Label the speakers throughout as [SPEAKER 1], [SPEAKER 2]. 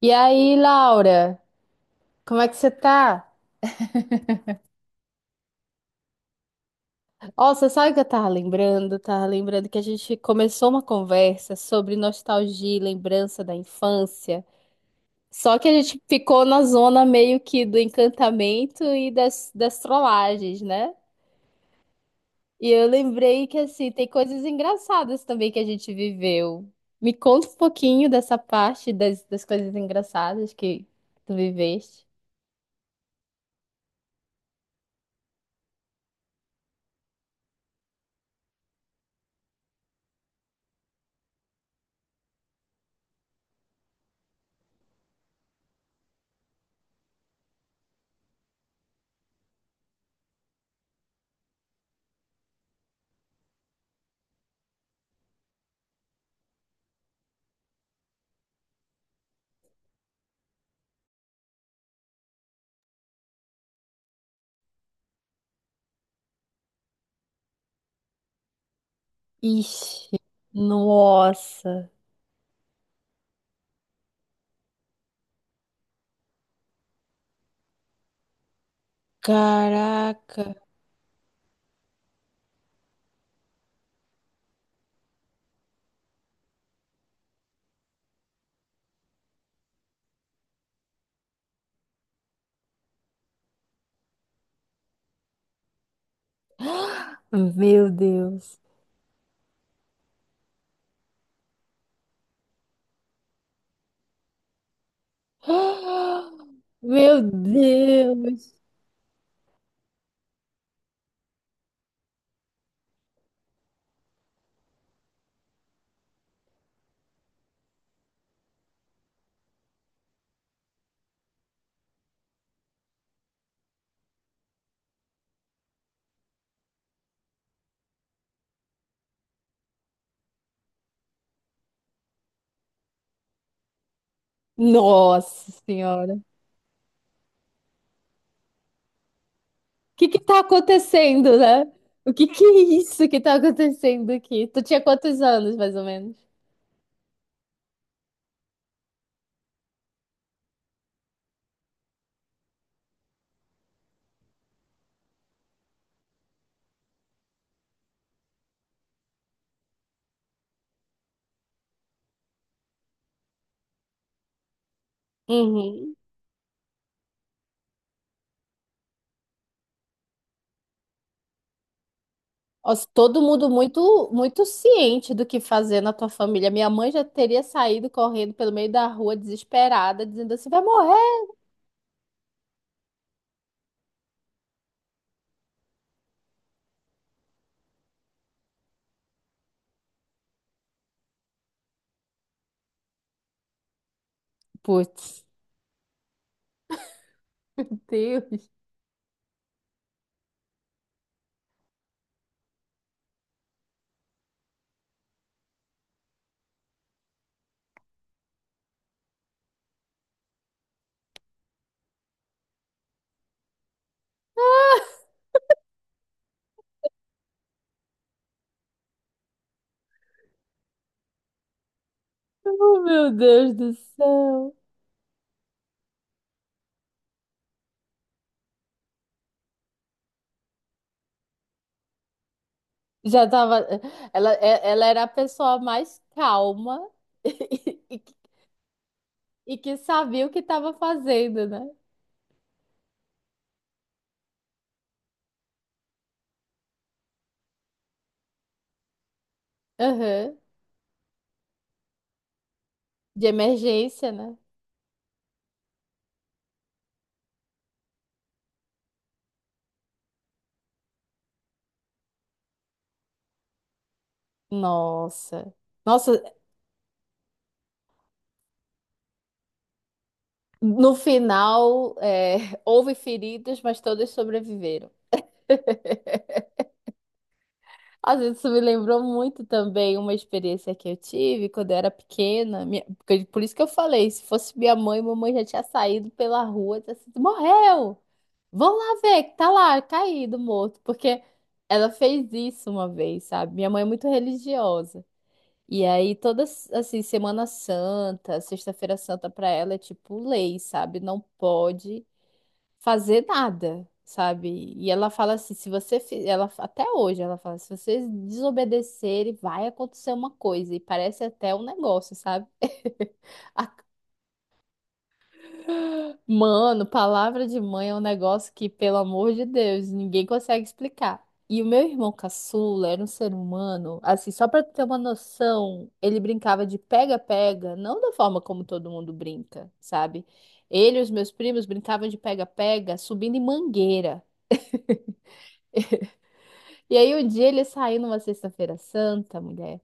[SPEAKER 1] E aí, Laura, como é que você tá? Ó, você sabe que eu tava lembrando? Tava lembrando que a gente começou uma conversa sobre nostalgia e lembrança da infância. Só que a gente ficou na zona meio que do encantamento e das trollagens, né? E eu lembrei que, assim, tem coisas engraçadas também que a gente viveu. Me conta um pouquinho dessa parte das coisas engraçadas que tu viveste. Ixi, nossa, caraca. Meu Deus. Meu Deus. Nossa Senhora. O que que tá acontecendo, né? O que que é isso que tá acontecendo aqui? Tu tinha quantos anos, mais ou menos? Uhum. Nossa, todo mundo muito, muito ciente do que fazer na tua família. Minha mãe já teria saído correndo pelo meio da rua, desesperada, dizendo assim: vai morrer. Putz, Deus. Oh, meu Deus do céu. Já tava. Ela, ela era a pessoa mais calma e, que e que sabia o que estava fazendo, né? Aham. De emergência, né? Nossa. Nossa, no final, é, houve feridos, mas todos sobreviveram. Às vezes isso me lembrou muito também uma experiência que eu tive quando eu era pequena. Por isso que eu falei, se fosse minha mãe, mamãe já tinha saído pela rua, tinha sido, morreu! Vão lá ver que tá lá, caído, morto. Porque ela fez isso uma vez, sabe? Minha mãe é muito religiosa. E aí, toda, assim, Semana Santa, Sexta-feira Santa pra ela é tipo lei, sabe? Não pode fazer nada, sabe? E ela fala assim, se você... Ela, até hoje ela fala, se vocês desobedecerem, vai acontecer uma coisa. E parece até um negócio, sabe? A Mano, palavra de mãe é um negócio que, pelo amor de Deus, ninguém consegue explicar. E o meu irmão caçula era um ser humano, assim, só pra tu ter uma noção, ele brincava de pega-pega, não da forma como todo mundo brinca, sabe? Ele e os meus primos brincavam de pega-pega subindo em mangueira. E aí um dia ele saiu numa sexta-feira santa, mulher,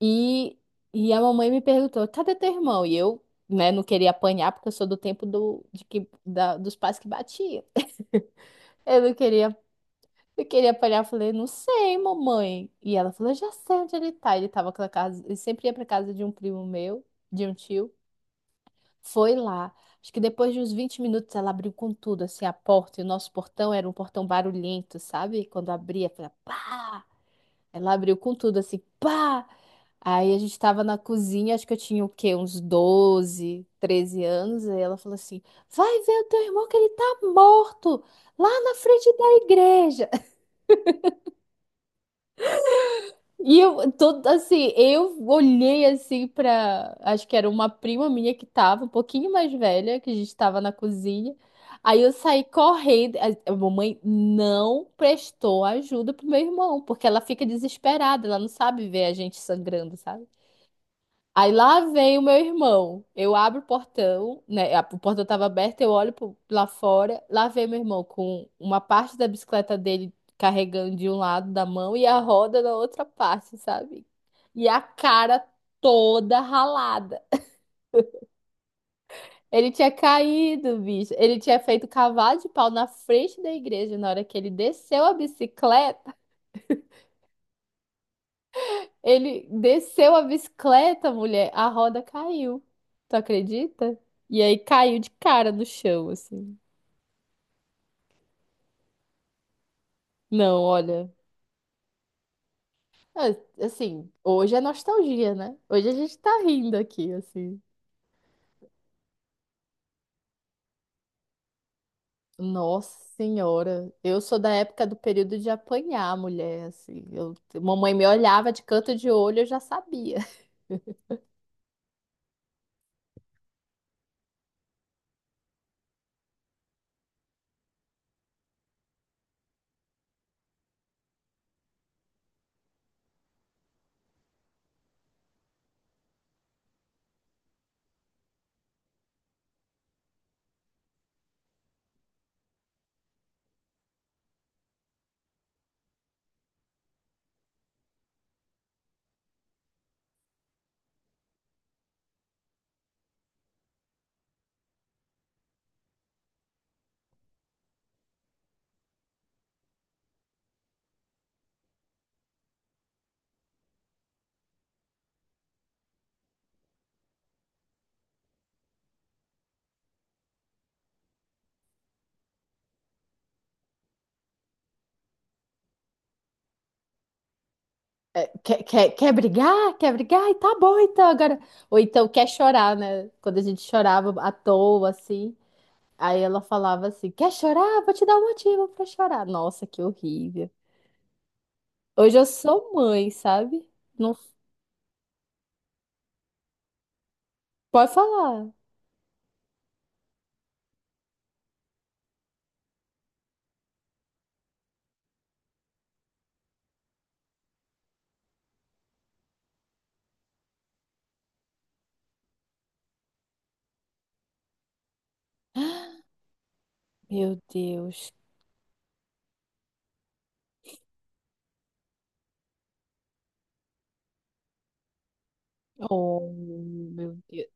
[SPEAKER 1] e, e a mamãe me perguntou: cadê teu irmão? E eu, né, não queria apanhar porque eu sou do tempo do, de que, da- dos pais que batiam. Eu não queria, eu queria apanhar, eu falei, não sei, mamãe. E ela falou, eu já sei onde ele tá. Ele tava com a casa, ele sempre ia pra casa de um primo meu, de um tio. Foi lá. Acho que depois de uns 20 minutos ela abriu com tudo, assim, a porta. E o nosso portão era um portão barulhento, sabe? Quando abria, foi pá! Ela abriu com tudo, assim, pá! Aí a gente tava na cozinha, acho que eu tinha o quê? Uns 12 13 anos. Aí ela falou assim: vai ver o teu irmão que ele tá morto lá na frente da igreja. E eu, todo, assim, eu olhei assim pra. Acho que era uma prima minha que tava, um pouquinho mais velha, que a gente tava na cozinha. Aí eu saí correndo. A mamãe não prestou ajuda pro meu irmão, porque ela fica desesperada, ela não sabe ver a gente sangrando, sabe? Aí lá vem o meu irmão. Eu abro o portão, né? O portão tava aberto, lá fora. Lá vem meu irmão com uma parte da bicicleta dele carregando de um lado da mão e a roda na outra parte, sabe? E a cara toda ralada. Ele tinha caído, bicho. Ele tinha feito cavalo de pau na frente da igreja na hora que ele desceu a bicicleta. Ele desceu a bicicleta, mulher, a roda caiu. Tu acredita? E aí caiu de cara no chão, assim. Não, olha. Assim, hoje é nostalgia, né? Hoje a gente tá rindo aqui, assim. Nossa senhora, eu sou da época do período de apanhar, mulher, assim. Eu, mamãe me olhava de canto de olho, eu já sabia. É, quer brigar? Quer brigar? E tá bom, então agora. Ou então quer chorar, né? Quando a gente chorava à toa, assim. Aí ela falava assim: quer chorar? Vou te dar um motivo pra chorar. Nossa, que horrível. Hoje eu sou mãe, sabe? Não pode falar. Meu Deus. Oh, meu Deus.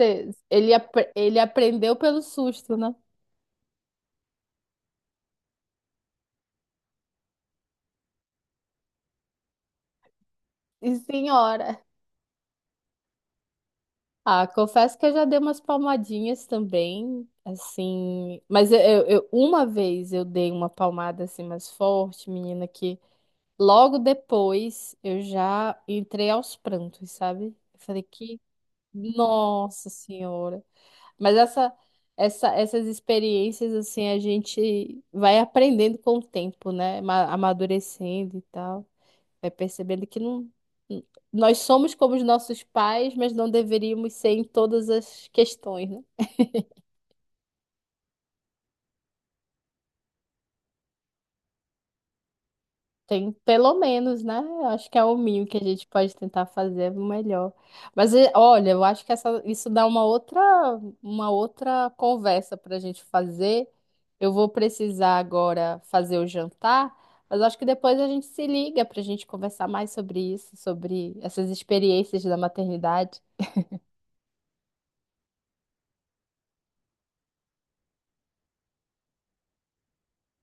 [SPEAKER 1] Ele aprendeu pelo susto, né? E senhora. Ah, confesso que eu já dei umas palmadinhas também, assim. Mas uma vez eu dei uma palmada assim mais forte, menina, que logo depois eu já entrei aos prantos, sabe? Eu falei que Nossa Senhora. Mas essas experiências, assim, a gente vai aprendendo com o tempo, né? Amadurecendo e tal. Vai percebendo que não. Nós somos como os nossos pais, mas não deveríamos ser em todas as questões, né? Tem pelo menos, né? Eu acho que é o mínimo que a gente pode tentar fazer é o melhor. Mas eh, olha, eu acho que essa, isso dá uma outra conversa para a gente fazer. Eu vou precisar agora fazer o jantar, mas eu acho que depois a gente se liga para a gente conversar mais sobre isso, sobre essas experiências da maternidade.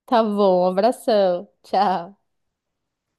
[SPEAKER 1] Tá bom, um abração. Tchau.